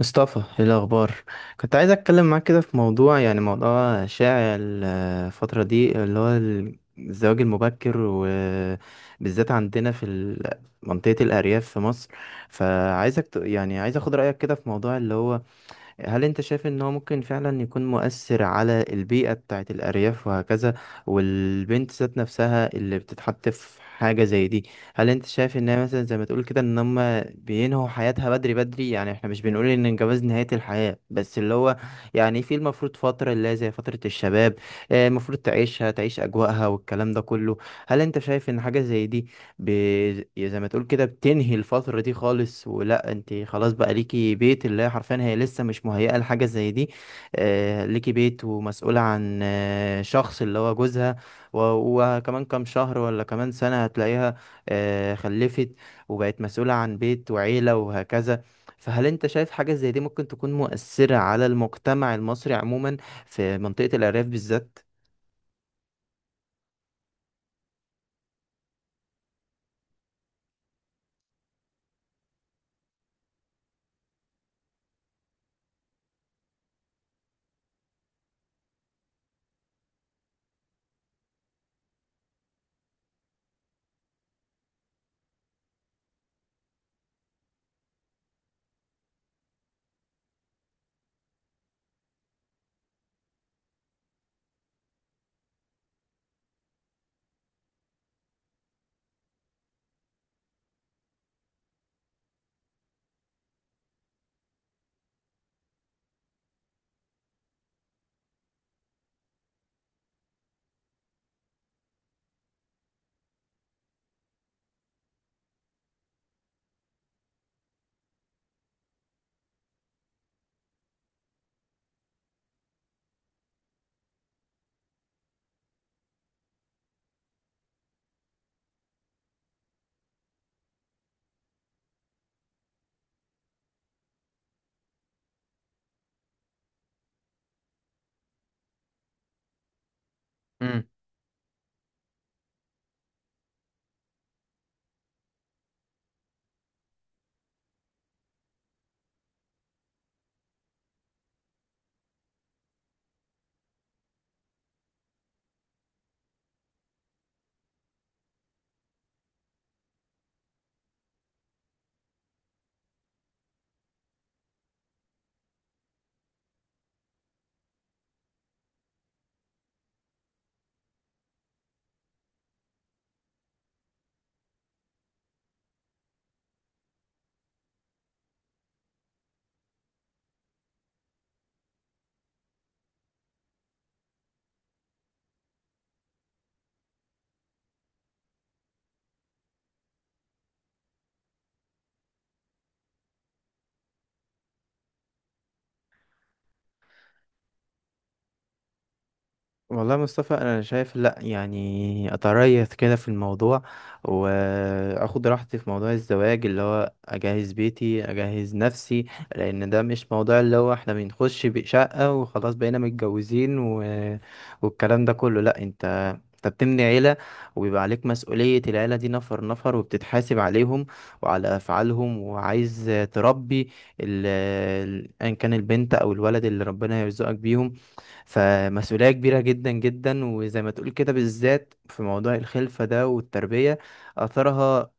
مصطفى، ايه الاخبار؟ كنت عايز اتكلم معاك كده في موضوع، يعني موضوع شائع الفتره دي اللي هو الزواج المبكر، وبالذات عندنا في منطقه الارياف في مصر. فعايزك يعني عايز اخد رايك كده في موضوع اللي هو هل انت شايف ان هو ممكن فعلا يكون مؤثر على البيئة بتاعت الأرياف وهكذا؟ والبنت ذات نفسها اللي بتتحط في حاجة زي دي، هل انت شايف انها مثلا زي ما تقول كده ان هم بينهوا حياتها بدري بدري؟ يعني احنا مش بنقول ان الجواز نهاية الحياة، بس اللي هو يعني في المفروض فترة اللي هي زي فترة الشباب. المفروض تعيشها، تعيش أجواءها والكلام ده كله. هل انت شايف ان حاجة زي دي ب... زي ما تقول كده بتنهي الفترة دي خالص، ولا انت خلاص بقى ليكي بيت اللي هي حرفيا هي لسه مش مهيئة لحاجة زي دي؟ ليكي بيت ومسؤولة عن شخص اللي هو جوزها. وكمان كام شهر ولا كمان سنة هتلاقيها خلفت وبقت مسؤولة عن بيت وعيلة وهكذا. فهل انت شايف حاجة زي دي ممكن تكون مؤثرة على المجتمع المصري عموما في منطقة الأرياف بالذات؟ والله يا مصطفى، انا شايف لا، يعني اتريث كده في الموضوع واخد راحتي في موضوع الزواج، اللي هو اجهز بيتي، اجهز نفسي. لان ده مش موضوع اللي هو احنا بنخش بشقة وخلاص بقينا متجوزين والكلام ده كله. لا، انت بتبني عيلة، وبيبقى عليك مسؤولية العيلة دي نفر نفر، وبتتحاسب عليهم وعلى أفعالهم. وعايز تربي ال... أيا كان البنت أو الولد اللي ربنا يرزقك بيهم. فمسؤولية كبيرة جدا جدا، وزي ما تقول كده بالذات في موضوع الخلفة ده والتربية. أثرها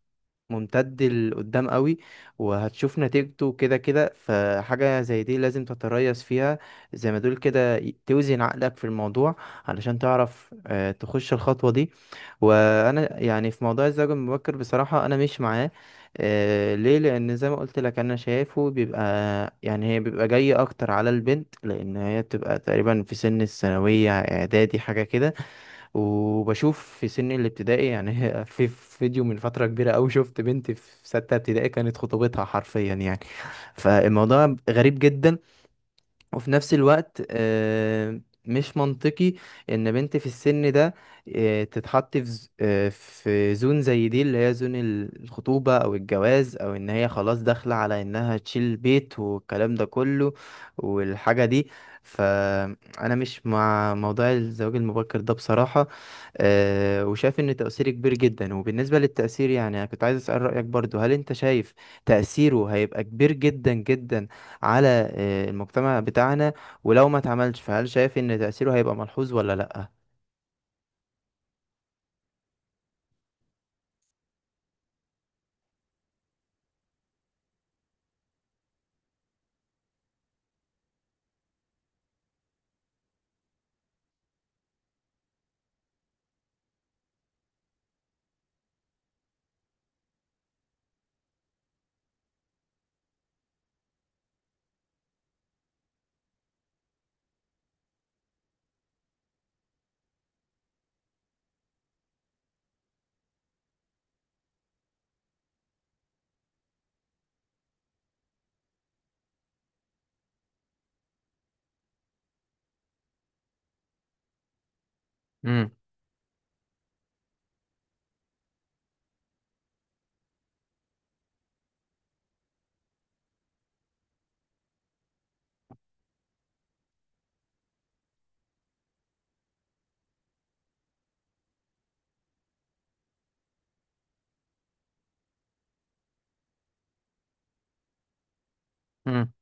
ممتد لقدام قوي، وهتشوف نتيجته كده كده. فحاجة زي دي لازم تتريث فيها، زي ما دول كده، توزن عقلك في الموضوع علشان تعرف تخش الخطوة دي. وانا يعني في موضوع الزواج المبكر بصراحة انا مش معاه. ليه؟ لان زي ما قلت لك انا شايفه بيبقى، يعني هي بيبقى جاي اكتر على البنت، لان هي بتبقى تقريبا في سن الثانوية، اعدادي، حاجة كده. وبشوف في سن الابتدائي، يعني في فيديو من فترة كبيرة أوي شفت بنت في 6 ابتدائي كانت خطوبتها حرفيا، يعني فالموضوع غريب جدا، وفي نفس الوقت مش منطقي ان بنت في السن ده تتحط في في زون زي دي اللي هي زون الخطوبة او الجواز، او ان هي خلاص داخلة على انها تشيل بيت والكلام ده كله والحاجة دي. فانا مش مع موضوع الزواج المبكر ده بصراحة. وشايف ان تأثيره كبير جدا. وبالنسبة للتأثير، يعني انا كنت عايز اسأل رأيك برضو، هل انت شايف تأثيره هيبقى كبير جدا جدا على المجتمع بتاعنا؟ ولو ما اتعملش، فهل شايف ان تأثيره هيبقى ملحوظ ولا لأ؟ امم امم.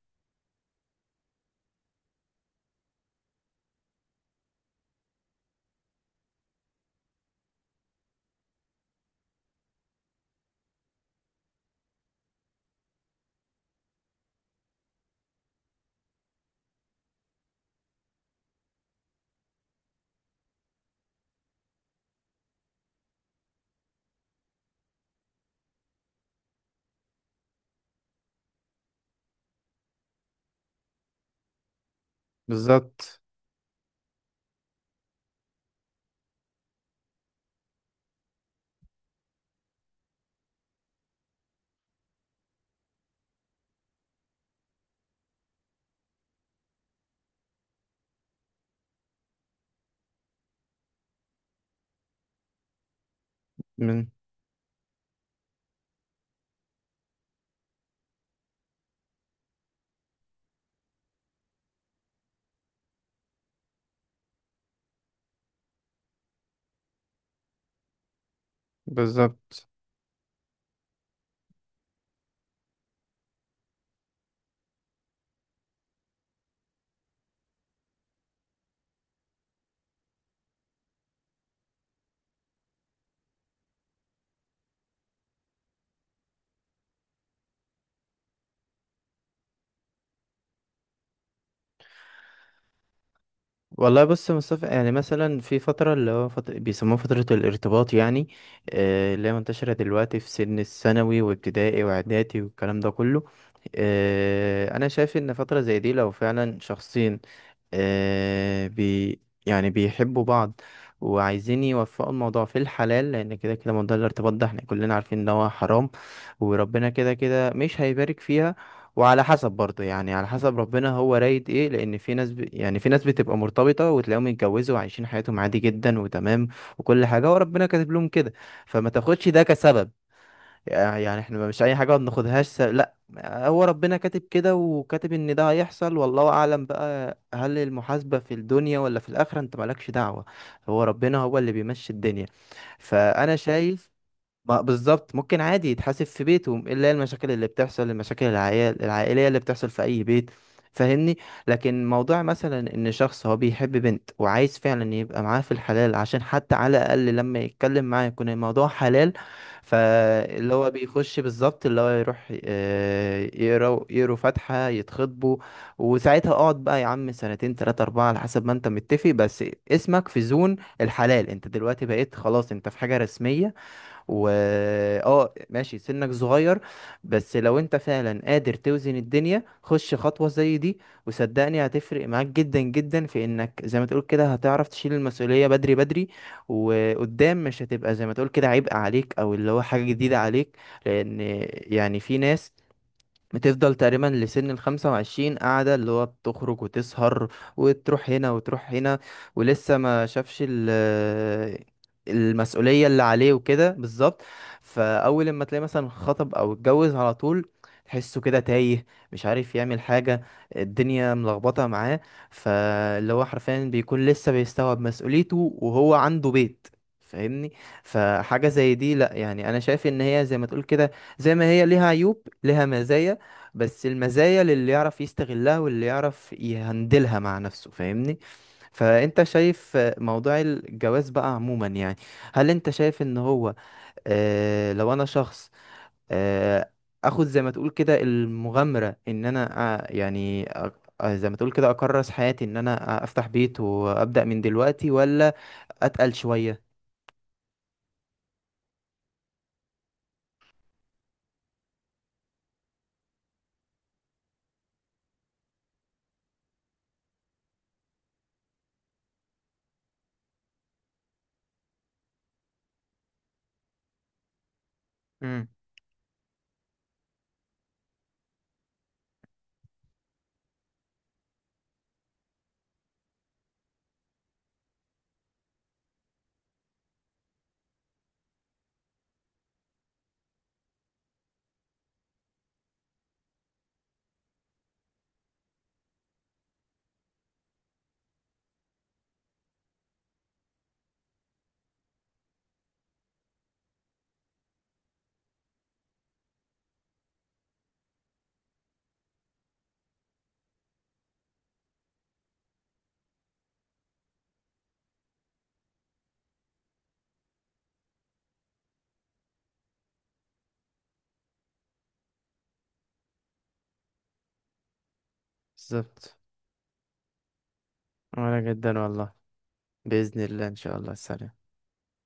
بالظبط. من بالظبط. والله بص يا مصطفى، يعني مثلا في فترة اللي هو فترة بيسموها فترة الارتباط، يعني اللي هي منتشرة دلوقتي في سن الثانوي وابتدائي واعدادي والكلام ده كله. أنا شايف إن فترة زي دي لو فعلا شخصين آه، بي يعني بيحبوا بعض وعايزين يوفقوا الموضوع في الحلال، لأن كده كده موضوع الارتباط ده احنا كلنا عارفين إن هو حرام، وربنا كده كده مش هيبارك فيها. وعلى حسب برضه، يعني على حسب ربنا هو رايد ايه، لان في ناس يعني في ناس بتبقى مرتبطه وتلاقيهم يتجوزوا وعايشين حياتهم عادي جدا وتمام وكل حاجه، وربنا كاتب لهم كده. فما تاخدش ده كسبب، يعني احنا مش اي حاجه ما بناخدهاش لا، هو ربنا كاتب كده وكاتب ان ده هيحصل، والله اعلم بقى هل المحاسبه في الدنيا ولا في الاخره، انت مالكش دعوه، هو ربنا هو اللي بيمشي الدنيا. فانا شايف ما بالظبط، ممكن عادي يتحاسب في بيته، الا هي المشاكل اللي بتحصل، المشاكل العيال العائليه اللي بتحصل في اي بيت، فاهمني. لكن موضوع مثلا ان شخص هو بيحب بنت وعايز فعلا يبقى معاها في الحلال، عشان حتى على الاقل لما يتكلم معاه يكون الموضوع حلال، فاللي هو بيخش بالظبط اللي هو يروح آه، يقرا يقروا فاتحه، يتخطبوا. وساعتها اقعد بقى يا عم سنتين تلاتة اربعة على حسب ما انت متفق، بس اسمك في زون الحلال، انت دلوقتي بقيت خلاص انت في حاجه رسميه. و اه ماشي سنك صغير، بس لو انت فعلا قادر توزن الدنيا، خش خطوة زي دي وصدقني هتفرق معاك جدا جدا، في انك زي ما تقول كده هتعرف تشيل المسؤولية بدري بدري، وقدام مش هتبقى زي ما تقول كده عبء عليك او اللي هو حاجة جديدة عليك. لان يعني في ناس بتفضل تقريبا لسن ال25 قاعدة، اللي هو بتخرج وتسهر، وتروح هنا وتروح هنا، ولسه ما شافش المسؤولية اللي عليه وكده. بالظبط. فأول لما تلاقي مثلا خطب أو اتجوز على طول، تحسه كده تايه، مش عارف يعمل حاجة، الدنيا ملخبطة معاه، فاللي هو حرفيا بيكون لسه بيستوعب مسؤوليته وهو عنده بيت، فاهمني. فحاجة زي دي لا، يعني انا شايف ان هي زي ما تقول كده، زي ما هي ليها عيوب ليها مزايا، بس المزايا للي يعرف يستغلها واللي يعرف يهندلها مع نفسه، فاهمني. فانت شايف موضوع الجواز بقى عموما، يعني هل انت شايف ان هو لو انا شخص آه اخد زي ما تقول كده المغامرة ان انا آه يعني أ- زي ما تقول كده اكرس حياتي ان انا افتح بيت وابدأ من دلوقتي، ولا اتقل شوية؟ امم. بالظبط. وانا جدا والله. بإذن الله، ان شاء الله. سلام.